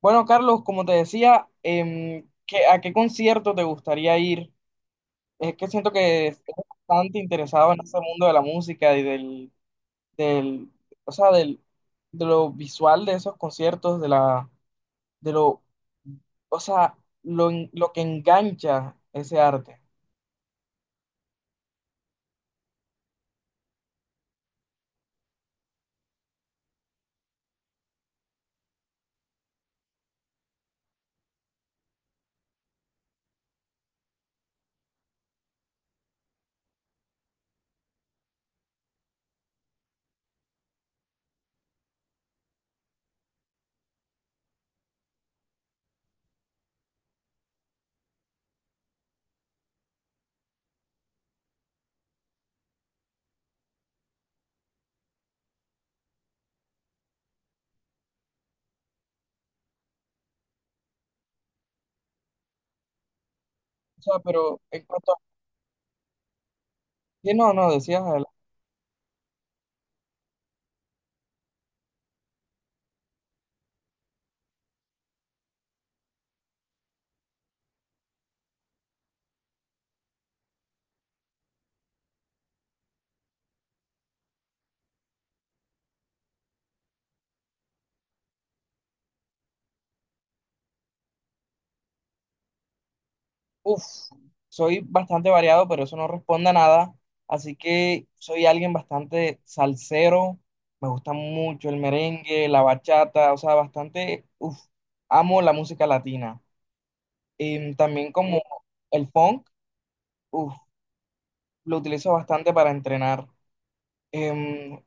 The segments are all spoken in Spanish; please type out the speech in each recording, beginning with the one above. Bueno, Carlos, como te decía, ¿a qué concierto te gustaría ir? Es que siento que estás bastante interesado en ese mundo de la música y del, del de lo visual de esos conciertos, de la, de lo, o sea, lo, en- lo que engancha ese arte. O sea, pero en cuanto a... Sí, no, no, decías adelante. Uf, soy bastante variado, pero eso no responde a nada. Así que soy alguien bastante salsero. Me gusta mucho el merengue, la bachata, o sea, bastante, uf, amo la música latina. También como el funk, uf, lo utilizo bastante para entrenar. Em,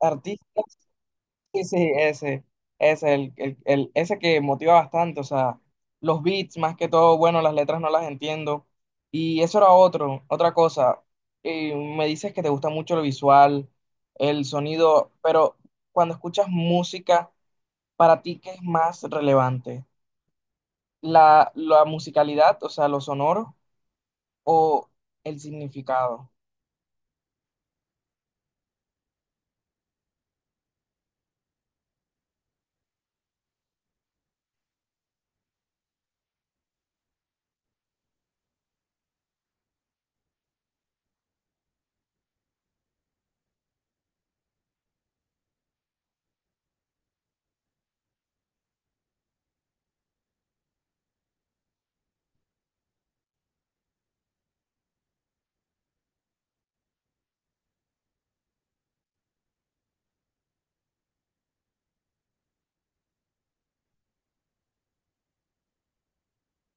Artistas sí, sí, ese, el- ese que motiva bastante, o sea, los beats más que todo, bueno, las letras no las entiendo. Y eso era otra cosa. Me dices que te gusta mucho lo visual, el sonido, pero cuando escuchas música, ¿para ti qué es más relevante? ¿La musicalidad, o sea, lo sonoro, o el significado?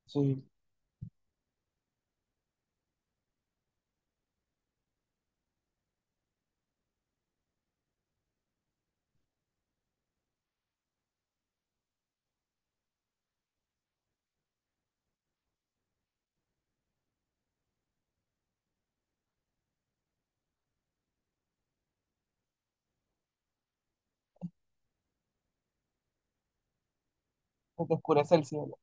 Sí, que te oscurece el cielo.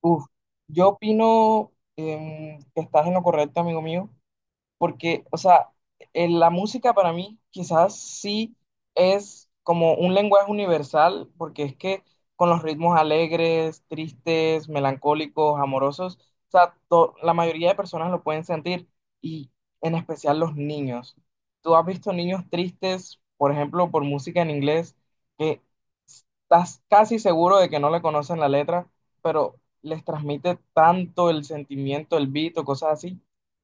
Uf, yo opino, que estás en lo correcto, amigo mío, porque, o sea, en la música para mí quizás sí es como un lenguaje universal, porque es que con los ritmos alegres, tristes, melancólicos, amorosos, o sea, la mayoría de personas lo pueden sentir, y en especial los niños. ¿Tú has visto niños tristes, por ejemplo, por música en inglés, que estás casi seguro de que no le conocen la letra, pero les transmite tanto el sentimiento, el beat o cosas así?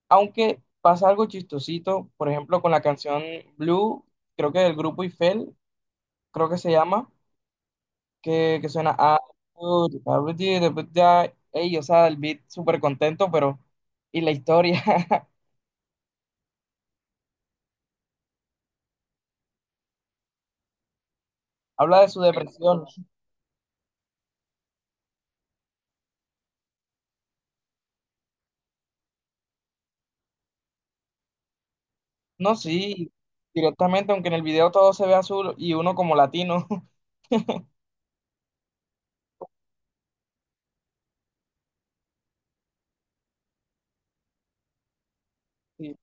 Aunque pasa algo chistosito, por ejemplo, con la canción Blue, creo que del grupo Eiffel, creo que se llama, que suena a... Ey, o sea, el beat súper contento, pero... Y la historia habla de su depresión. No, sí, directamente, aunque en el video todo se ve azul y uno como latino. Sí,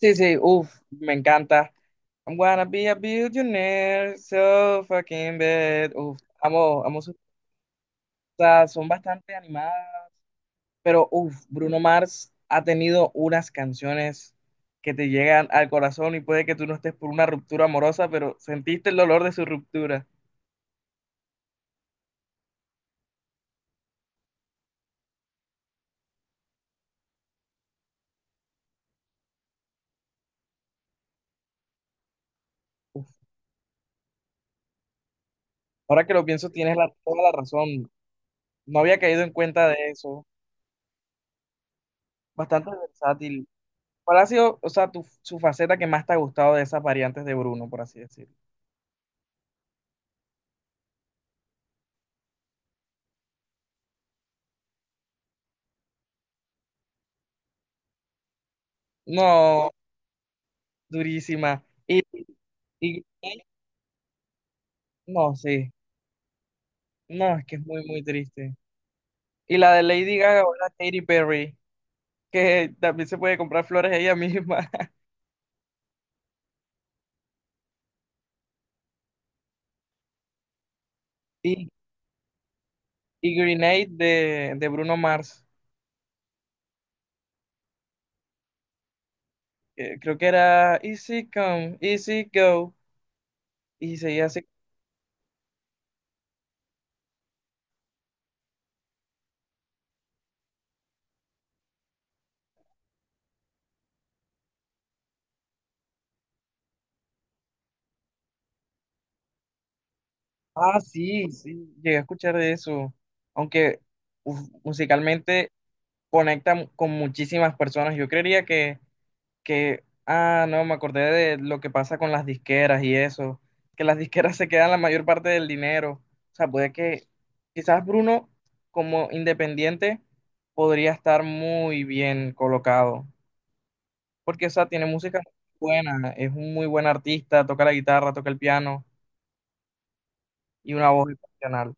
sí, sí, uff, me encanta. I'm gonna be a billionaire, so fucking bad. Uf, amo son bastante animadas. Pero, uff, Bruno Mars ha tenido unas canciones que te llegan al corazón y puede que tú no estés por una ruptura amorosa, pero sentiste el dolor de su ruptura. Uf, ahora que lo pienso, tienes toda la razón. No había caído en cuenta de eso. Bastante versátil. ¿Cuál ha sido, o sea, tu, su faceta que más te ha gustado de esas variantes de Bruno, por así decirlo? No, durísima. Y- no, sí. No, es que es muy, muy triste. Y la de Lady Gaga o la Katy Perry, que también se puede comprar flores ella misma. Y, y Grenade de Bruno Mars, que creo que era Easy Come, Easy Go. Y seguía así. Ah, sí, sí, llegué a escuchar de eso. Aunque uf, musicalmente conecta con muchísimas personas. Yo creería que, ah, no, me acordé de lo que pasa con las disqueras y eso, que las disqueras se quedan la mayor parte del dinero. O sea, puede que quizás Bruno como independiente podría estar muy bien colocado, porque, o sea, tiene música buena, es un muy buen artista, toca la guitarra, toca el piano y una voz excepcional.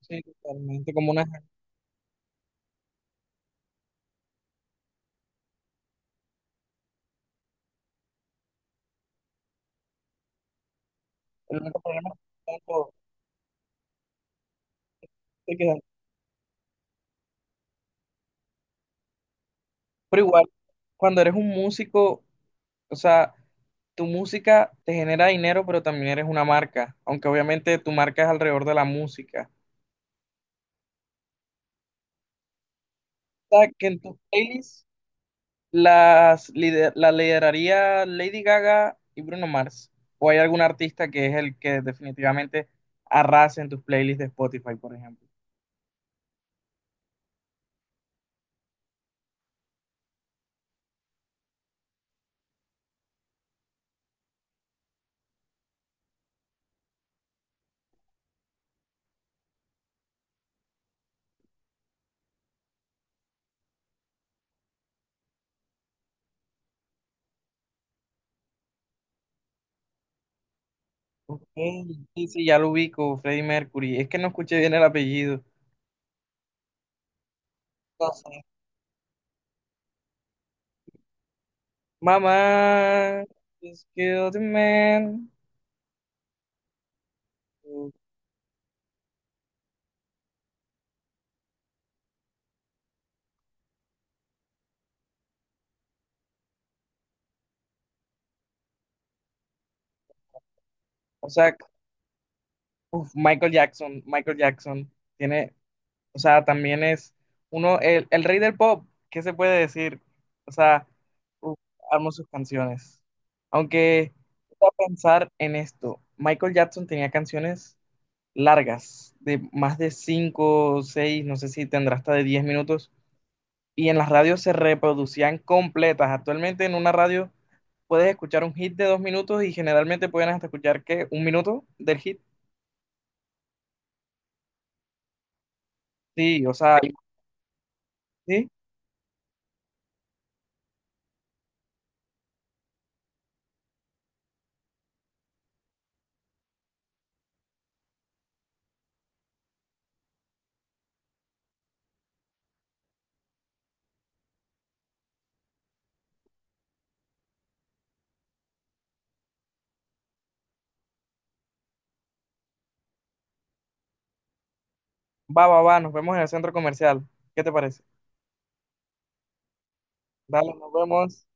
Sí, totalmente, como una... El único problema es que todo se quedan... Pero igual, cuando eres un músico, o sea, tu música te genera dinero, pero también eres una marca, aunque obviamente tu marca es alrededor de la música. O sea, que en tus playlists la lideraría Lady Gaga y Bruno Mars. ¿O hay algún artista que es el que definitivamente arrasa en tus playlists de Spotify, por ejemplo? Ok, sí, sí, ya lo ubico, Freddie Mercury. Es que no escuché bien el apellido. Entonces, mamá, just killed a man. O sea, uf, Michael Jackson tiene, o sea, también es uno, el rey del pop, ¿qué se puede decir? O sea, uf, amo sus canciones. Aunque, voy a pensar en esto, Michael Jackson tenía canciones largas, de más de 5, 6, no sé si tendrá hasta de 10 minutos, y en las radios se reproducían completas. Actualmente en una radio puedes escuchar un hit de 2 minutos y generalmente pueden hasta escuchar que 1 minuto del hit. Sí, o sea, sí. Va, va, va, nos vemos en el centro comercial. ¿Qué te parece? Dale, nos vemos.